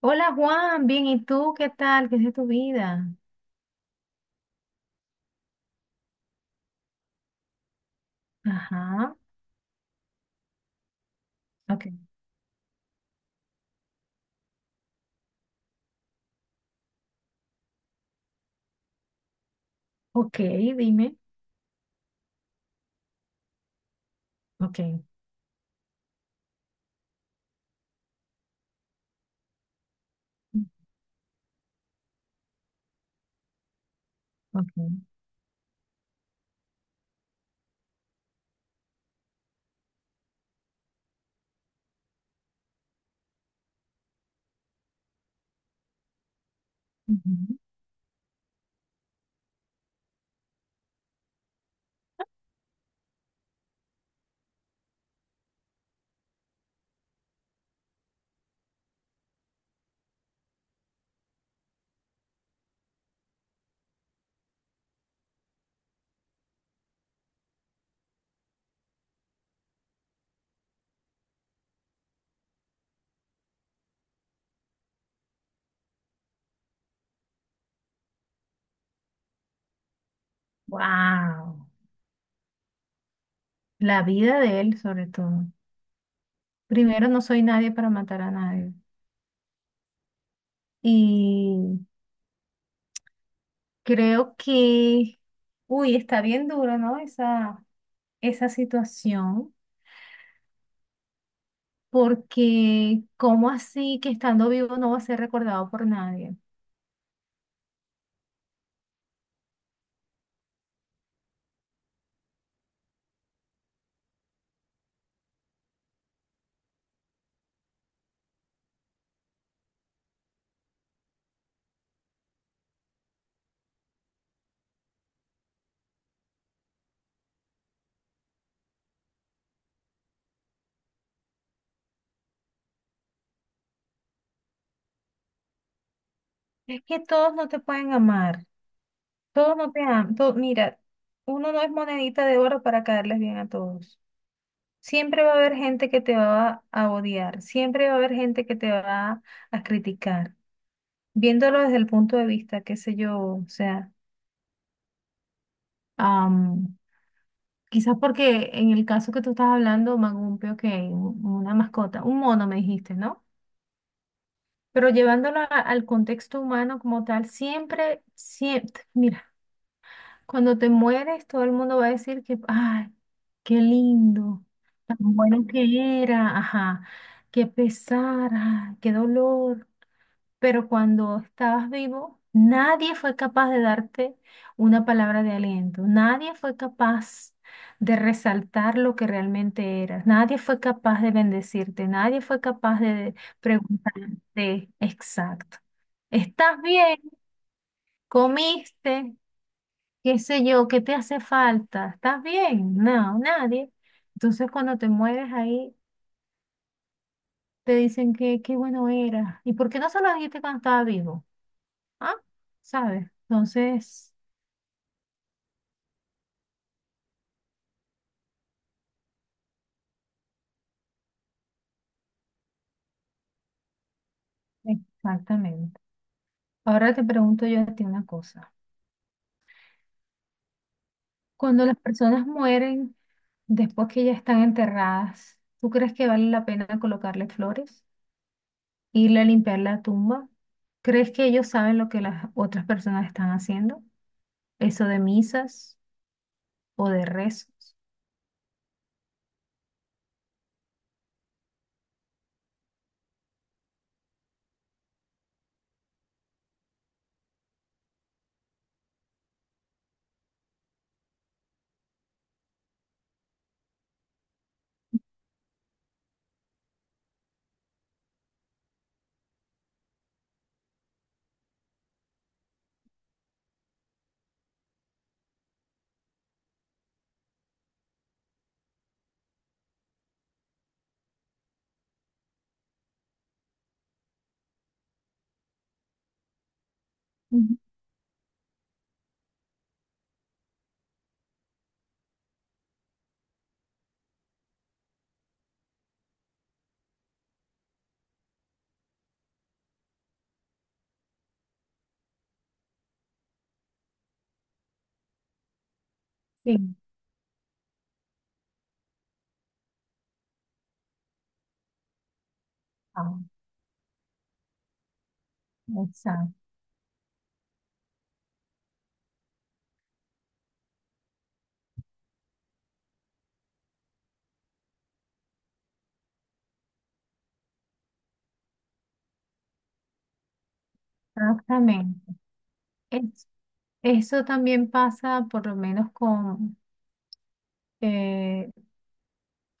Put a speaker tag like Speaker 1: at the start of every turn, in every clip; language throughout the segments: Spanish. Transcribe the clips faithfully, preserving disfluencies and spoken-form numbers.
Speaker 1: Hola Juan, bien, ¿y tú qué tal? ¿Qué es de tu vida? Ajá, ok, ok, dime, ok, ok. Wow, la vida de él sobre todo. Primero, no soy nadie para matar a nadie. Y creo que, uy, está bien duro, ¿no? Esa, esa situación, porque ¿cómo así que estando vivo no va a ser recordado por nadie? Es que todos no te pueden amar. Todos no te aman. To- mira, uno no es monedita de oro para caerles bien a todos. Siempre va a haber gente que te va a odiar. Siempre va a haber gente que te va a criticar. Viéndolo desde el punto de vista, qué sé yo, o sea, am, quizás porque en el caso que tú estás hablando, Magumpio, que un- una mascota, un mono me dijiste, ¿no? Pero llevándolo a- al contexto humano como tal, siempre, siempre, mira. Cuando te mueres, todo el mundo va a decir que, ay, qué lindo, tan bueno que era, ajá, qué pesar, ay, qué dolor. Pero cuando estabas vivo, nadie fue capaz de darte una palabra de aliento, nadie fue capaz de resaltar lo que realmente eras, nadie fue capaz de bendecirte, nadie fue capaz de preguntarte, exacto, ¿estás bien? ¿Comiste? Qué sé yo, qué te hace falta, ¿estás bien? No, nadie. Entonces cuando te mueres ahí, te dicen que qué bueno era. ¿Y por qué no se lo dijiste cuando estaba vivo? ¿Ah? ¿Sabes? Entonces, exactamente. Ahora te pregunto yo a ti una cosa. Cuando las personas mueren después que ya están enterradas, ¿tú crees que vale la pena colocarle flores? ¿Irle a limpiar la tumba? ¿Crees que ellos saben lo que las otras personas están haciendo? ¿Eso de misas? O de rezos. Ujú. Sí, ah, exacto, exactamente. Es- Eso también pasa por lo menos con, eh,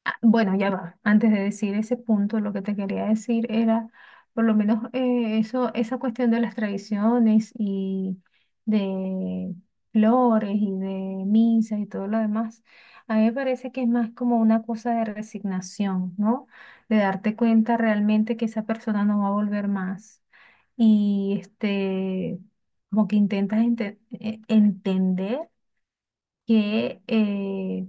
Speaker 1: ah, bueno, ya va. Antes de decir ese punto, lo que te quería decir era, por lo menos eh, eso, esa cuestión de las tradiciones y de flores y de misas y todo lo demás, a mí me parece que es más como una cosa de resignación, ¿no? De darte cuenta realmente que esa persona no va a volver más. Y este, como que intentas ente- eh, entender que eh,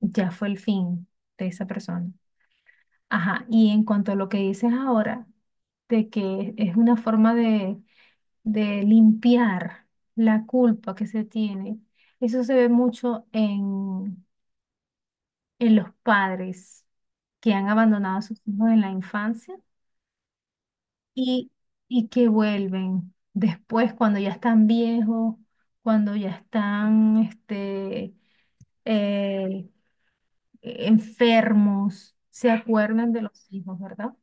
Speaker 1: ya fue el fin de esa persona. Ajá, y en cuanto a lo que dices ahora, de que es una forma de, de limpiar la culpa que se tiene, eso se ve mucho en, en los padres que han abandonado a sus hijos en la infancia y, y que vuelven después cuando ya están viejos, cuando ya están este, eh, enfermos, se acuerdan de los hijos, ¿verdad?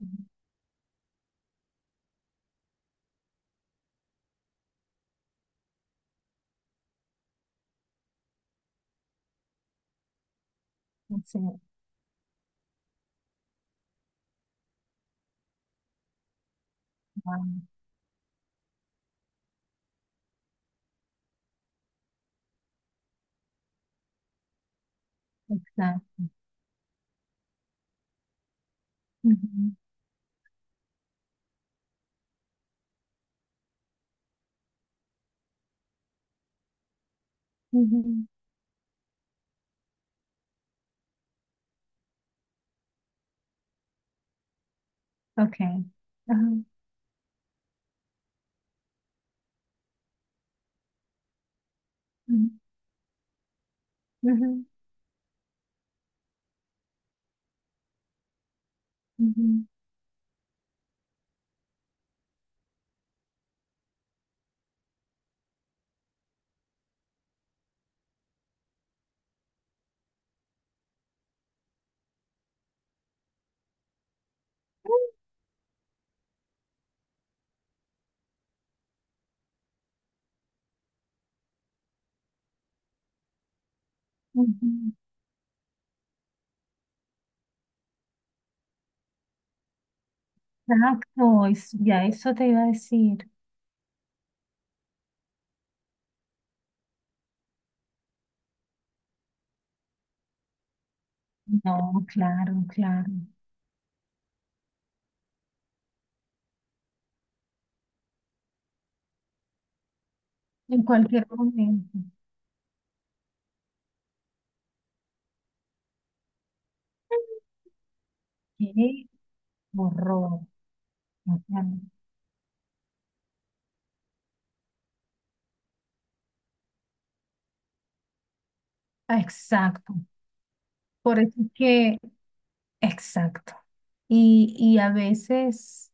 Speaker 1: Ujú. O exacto. Ujú, ujú. Ok. Ajá, ujú, ujú, ujú, ujú. Exacto, es- ya eso te iba a decir. No, claro, claro. En cualquier momento. Qué horror. O sea, exacto. Por eso es que, exacto. Y, y a veces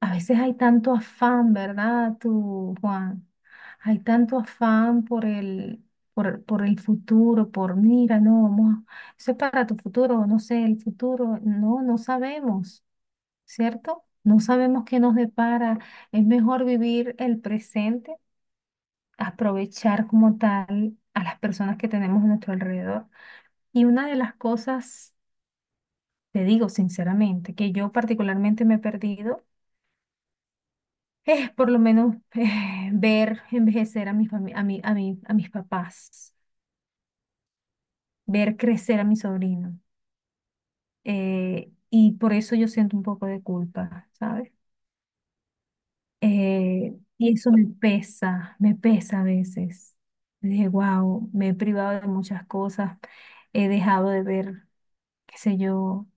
Speaker 1: a veces hay tanto afán, ¿verdad, tú, Juan? Hay tanto afán por el, por, por el futuro, por mira, no, vamos, eso es para tu futuro, no sé, el futuro, no, no sabemos, ¿cierto? No sabemos qué nos depara. Es mejor vivir el presente, aprovechar como tal a las personas que tenemos a nuestro alrededor. Y una de las cosas, te digo sinceramente, que yo particularmente me he perdido eh, por lo menos eh, ver envejecer a mi fami- a mi, a mi- a mis papás, ver crecer a mi sobrino. eh, y por eso yo siento un poco de culpa, ¿sabes? Eh, y eso me pesa, me pesa a veces. Dije, wow, me he privado de muchas cosas, he dejado de ver, qué sé yo,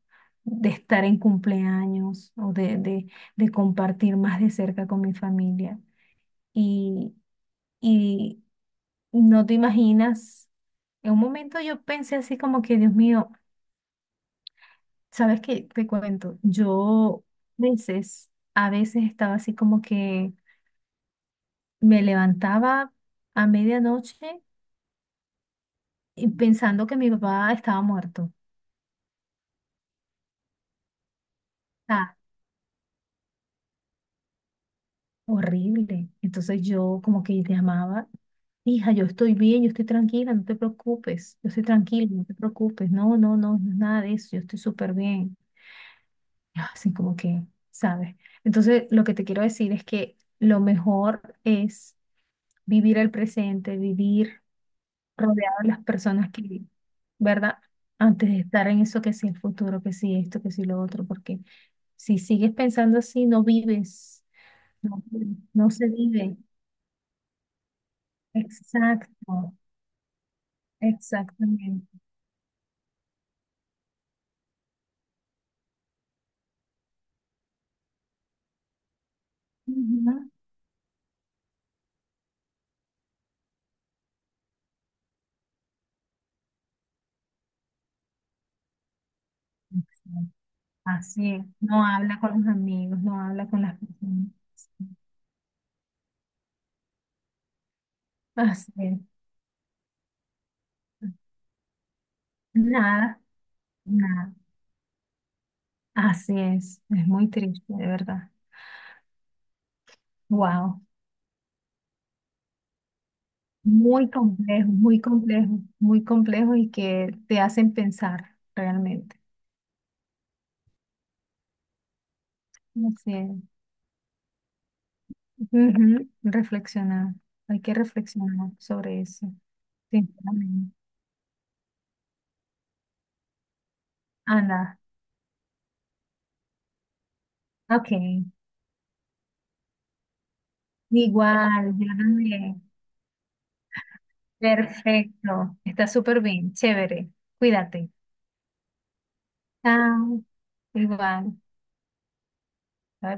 Speaker 1: de estar en cumpleaños o de, de, de compartir más de cerca con mi familia. Y, y no te imaginas. En un momento yo pensé así como que, Dios mío, ¿sabes qué? Te cuento. Yo a veces, a veces estaba así como que me levantaba a medianoche y pensando que mi papá estaba muerto. Ah, horrible. Entonces yo como que llamaba, hija, yo estoy bien, yo estoy tranquila, no te preocupes, yo estoy tranquila, no te preocupes. No, no, no, no es nada de eso, yo estoy súper bien. Así como que, ¿sabes? Entonces, lo que te quiero decir es que lo mejor es vivir el presente, vivir rodeado de las personas que, ¿verdad? Antes de estar en eso que sí el futuro, que sí esto, que sí lo otro, porque si sigues pensando así, no vives, no, vives, no se vive. Exacto, exactamente. Ujú, exacto. Así es, no habla con los amigos, no habla con las personas. Así es. Nada. Nada. Así es, es muy triste, de verdad. Wow, muy complejo, muy complejo, muy complejo y que te hacen pensar realmente. Así es. Ujú, reflexionar, hay que reflexionar sobre eso, sinceramente. Ana, ok, igual, yo también. Perfecto, está súper bien, chévere, cuídate. Chao, igual. Bye.